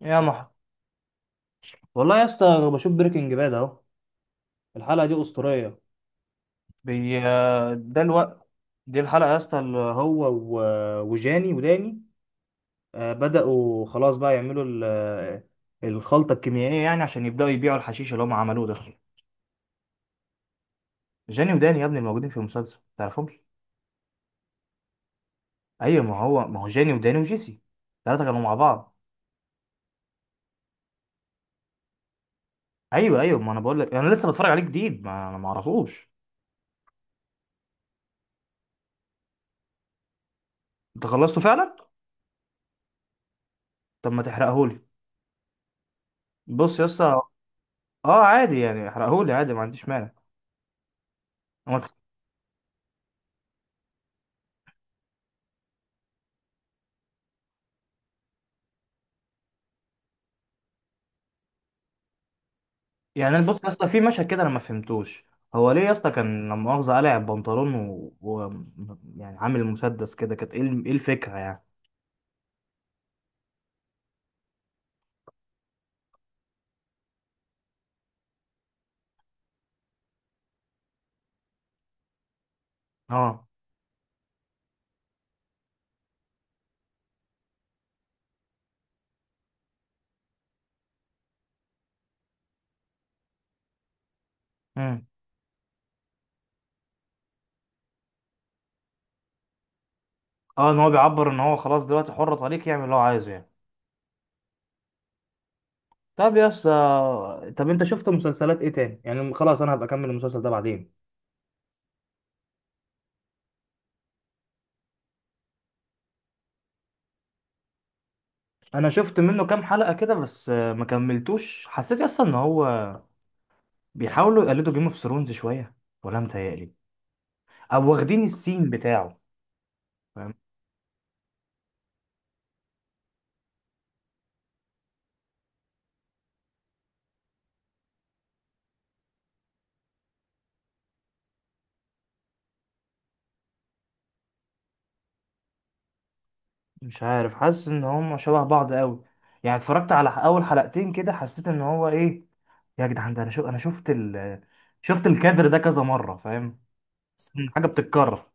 يا محمد، والله يا اسطى أنا بشوف بريكنج باد اهو. الحلقه دي اسطوريه. بي... ده الوقت. دي الحلقه يا اسطى اللي هو وجاني وداني. بداوا خلاص بقى يعملوا الخلطه الكيميائيه يعني عشان يبداوا يبيعوا الحشيش اللي هم عملوه ده. جاني وداني يا ابني الموجودين في المسلسل تعرفهمش. ايوه، ما هو جاني وداني وجيسي. الثلاثه كانوا مع بعض. ايوه ايوه، ما انا بقول لك انا لسه بتفرج عليه جديد ما انا ما اعرفوش. انت خلصته فعلا؟ طب ما تحرقهولي. بص يا اسطى. اه عادي، يعني احرقهولي عادي ما عنديش مانع. هو الخ- يعني أنا بص يا اسطى في مشهد كده انا ما فهمتوش. هو ليه يا اسطى كان لما مؤاخذة قلع البنطلون يعني عامل مسدس كده، كانت ايه إيه الفكرة يعني؟ اه. امم. اه، ان هو بيعبر ان هو خلاص دلوقتي حر، طريق يعمل اللي هو عايزه يعني. طب يا اسطى، طب انت شفت مسلسلات ايه تاني؟ يعني خلاص انا هبقى اكمل المسلسل ده بعدين. انا شفت منه كام حلقة كده بس، ما كملتوش. حسيت يا اسطى ان هو بيحاولوا يقلدوا جيم اوف ثرونز شوية، ولا متهيألي، او واخدين السين بتاعه. فاهم؟ مش عارف، حاسس ان هم شبه بعض قوي. يعني اتفرجت على اول حلقتين كده حسيت ان هو ايه، يا جدعان ده انا شو انا شفت شفت الكادر ده كذا مرة، فاهم؟ حاسس إن حاجة بتتكرر.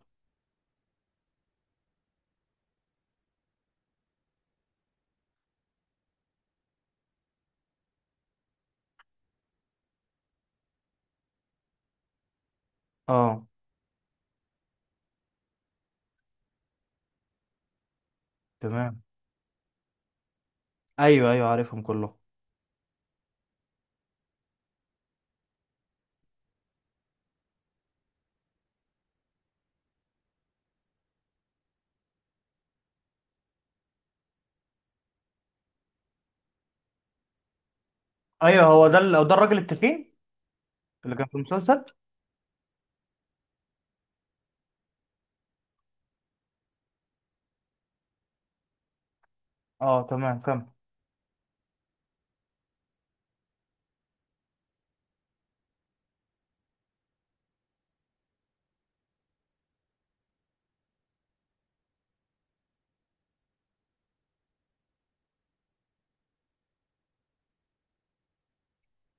اه تمام. ايوه ايوه عارفهم كلهم. ايوه، هو ده ده الراجل التخين اللي كان في المسلسل. اه تمام، كمل.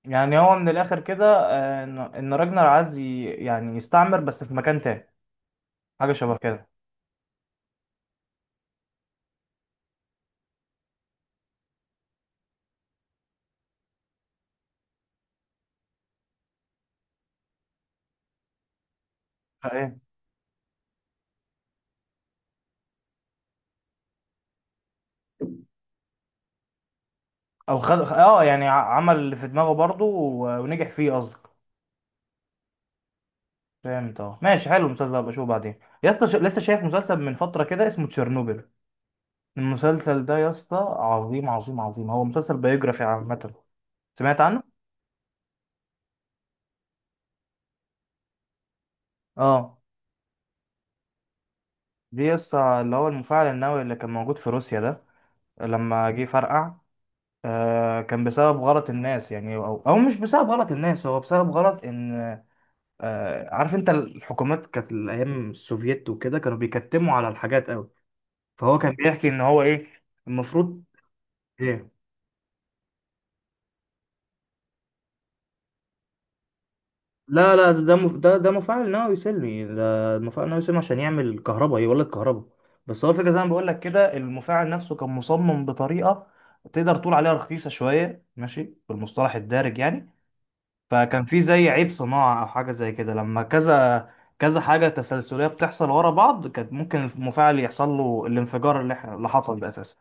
يعني هو من الاخر كده، ان إن راجنر عايز يعني يستعمر بس في مكان تاني، حاجة شبه كده. ايه؟ او خد، اه يعني عمل اللي في دماغه برضه ونجح فيه قصدي. فهمت. اه ماشي، حلو. المسلسل ده بشوفه بعدين يا اسطى. لسه شايف مسلسل من فتره كده اسمه تشيرنوبل. المسلسل ده يا اسطى عظيم عظيم عظيم. هو مسلسل بيوجرافي عامه. سمعت عنه؟ اه، دي يا اسطى اللي هو المفاعل النووي اللي كان موجود في روسيا ده لما جه فرقع. آه كان بسبب غلط الناس يعني، او او مش بسبب غلط الناس، هو بسبب غلط ان، آه عارف انت الحكومات كانت الايام السوفييت وكده كانوا بيكتموا على الحاجات قوي. فهو كان بيحكي ان هو ايه، المفروض. إيه؟ لا لا، ده مفاعل نووي سلمي، ده مفاعل نووي سلمي عشان يعمل كهرباء، يولد كهرباء. بس هو الفكره زي ما بقول لك كده، المفاعل نفسه كان مصمم بطريقه تقدر تقول عليها رخيصه شويه ماشي بالمصطلح الدارج يعني. فكان في زي عيب صناعه او حاجه زي كده، لما كذا كذا حاجه تسلسليه بتحصل ورا بعض كانت ممكن المفاعل يحصل له الانفجار اللي حصل ده اساسا.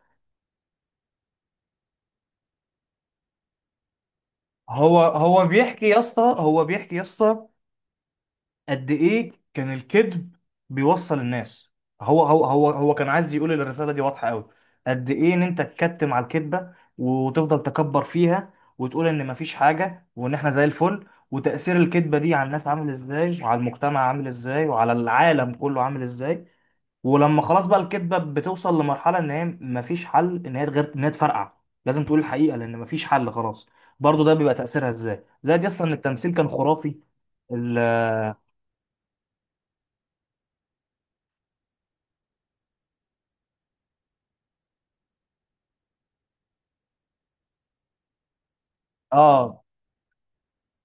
هو بيحكي يا اسطى قد ايه كان الكذب بيوصل الناس. هو كان عايز يقول إن الرساله دي واضحه قوي، قد ايه ان انت تكتم على الكذبه وتفضل تكبر فيها وتقول ان مفيش حاجه وان احنا زي الفل، وتاثير الكذبه دي على الناس عامل ازاي وعلى المجتمع عامل ازاي وعلى العالم كله عامل ازاي. ولما خلاص بقى الكذبه بتوصل لمرحله ان هي مفيش حل ان هي غير ان هي تفرقع، لازم تقول الحقيقه لان مفيش حل خلاص. برضو ده بيبقى تاثيرها ازاي، زائد اصلا ان التمثيل كان خرافي. ال- اه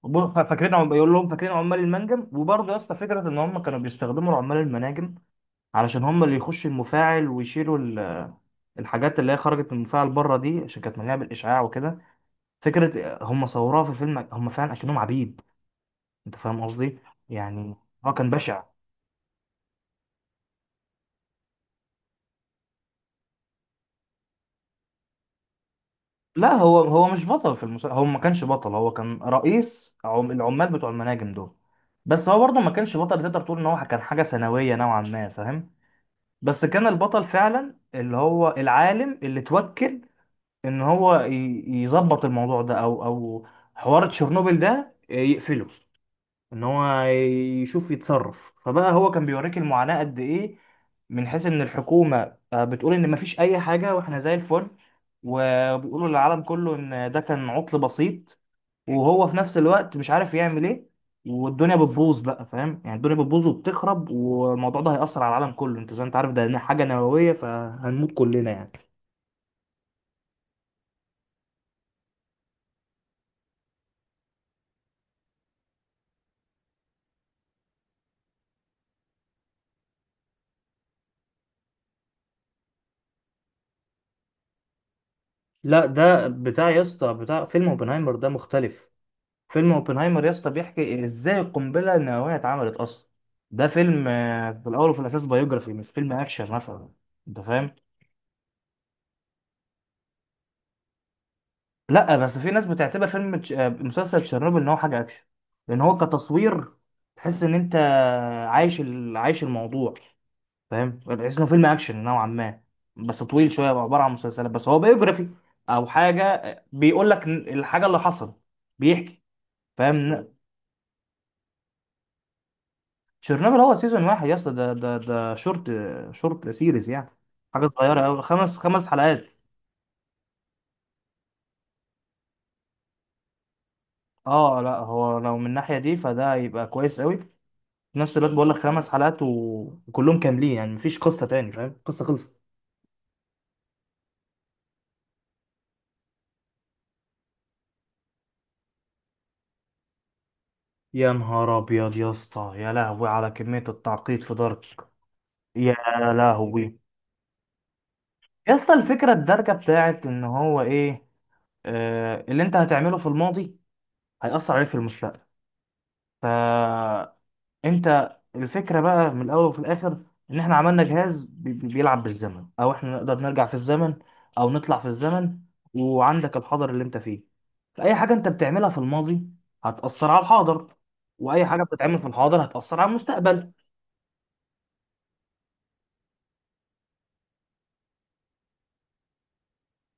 بيقول لهم فاكرين عمال المنجم. وبرضه يا اسطى فكره ان هم كانوا بيستخدموا العمال المناجم علشان هم اللي يخشوا المفاعل ويشيلوا الحاجات اللي هي خرجت من المفاعل بره دي عشان كانت مليانه بالاشعاع وكده. فكره هم صوروها في الفيلم هم فعلا اكنهم عبيد، انت فاهم قصدي يعني. هو كان بشع. لا هو هو مش بطل في المسلسل، هو ما كانش بطل، هو كان رئيس العمال بتوع المناجم دول. بس هو برضه ما كانش بطل، تقدر تقول ان هو كان حاجه ثانويه نوعا ما، فاهم. بس كان البطل فعلا اللي هو العالم اللي توكل ان هو يظبط الموضوع ده، او او حوار تشيرنوبل ده يقفله، ان هو يشوف يتصرف. فبقى هو كان بيوريك المعاناة قد ايه، من حيث ان الحكومة بتقول ان مفيش اي حاجة واحنا زي الفل وبيقولوا للعالم كله ان ده كان عطل بسيط، وهو في نفس الوقت مش عارف يعمل ايه والدنيا بتبوظ بقى. فاهم يعني، الدنيا بتبوظ وبتخرب والموضوع ده هيأثر على العالم كله، انت زي ما انت عارف ده حاجة نووية فهنموت كلنا يعني. لا ده بتاع يا اسطى، بتاع فيلم اوبنهايمر ده مختلف. فيلم اوبنهايمر يا اسطى بيحكي ازاي القنبله النوويه اتعملت اصلا. ده فيلم في الاول وفي الاساس بايوجرافي، مش فيلم اكشن مثلا، انت فاهم. لا بس في ناس بتعتبر فيلم تش- آه، مسلسل تشيرنوبل ان هو حاجه اكشن، لان هو كتصوير تحس ان انت عايش الموضوع، فاهم. تحس انه فيلم اكشن نوعا ما، بس طويل شويه عباره عن مسلسلات، بس هو بايوجرافي. او حاجه بيقول لك الحاجه اللي حصلت، بيحكي، فاهم. تشيرنوبل هو سيزون واحد يا اسطى، ده شورت، شورت سيريز يعني. حاجه صغيره قوي، خمس حلقات. اه لا هو لو من الناحيه دي فده يبقى كويس قوي، في نفس الوقت بقول لك خمس حلقات وكلهم كاملين يعني مفيش قصه تاني، فاهم، قصه خلصت. يا نهار ابيض يا اسطى، يا لهوي على كميه التعقيد في دارك. يا لهوي. يا اسطى الفكره الدارجه بتاعت ان هو ايه، آه اللي انت هتعمله في الماضي هيأثر عليك في المستقبل. ف انت الفكره بقى من الاول وفي الاخر ان احنا عملنا جهاز بيلعب بالزمن او احنا نقدر نرجع في الزمن او نطلع في الزمن، وعندك الحاضر اللي انت فيه. فاي حاجه انت بتعملها في الماضي هتاثر على الحاضر، واي حاجه بتتعمل في الحاضر هتاثر على المستقبل.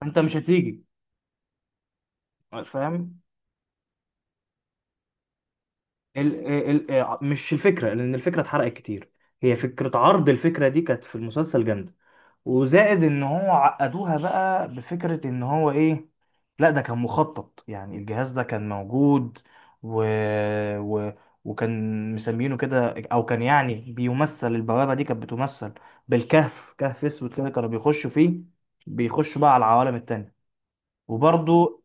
انت مش هتيجي، فاهم. ال ال ال آه، مش الفكره لان الفكره اتحرقت كتير، هي فكره عرض الفكره دي كانت في المسلسل جامده. وزائد ان هو عقدوها بقى بفكرة ان هو ايه، لا ده كان مخطط، يعني الجهاز ده كان موجود و... و... وكان مسمينه كده، او كان يعني بيمثل، البوابة دي كانت بتمثل بالكهف، كهف اسود كده كانوا بيخشوا فيه، بيخشوا بقى على العوالم التانية. وبرضو،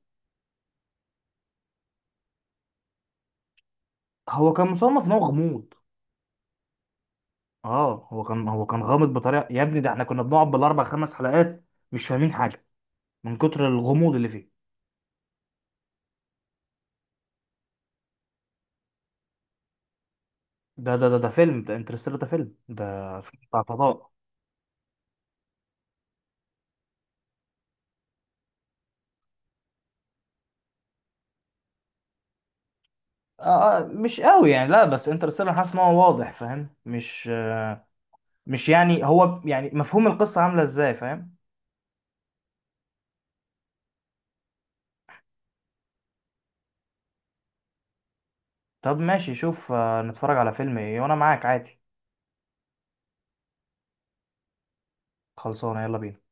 هو كان مصنف ان هو غموض. اه هو كان هو كان غامض بطريقة يا ابني ده احنا كنا بنقعد بالاربع خمس حلقات مش فاهمين حاجة من كتر الغموض اللي فيه. ده فيلم ده انترستيلر، ده فيلم، ده فيلم بتاع فضاء. مش قوي يعني، لا بس انترستيلر حاسس ان هو واضح، فاهم، مش آه، مش يعني هو يعني مفهوم القصة عاملة ازاي، فاهم. طب ماشي، شوف نتفرج على فيلم ايه وانا معاك عادي. خلصانة يلا بينا.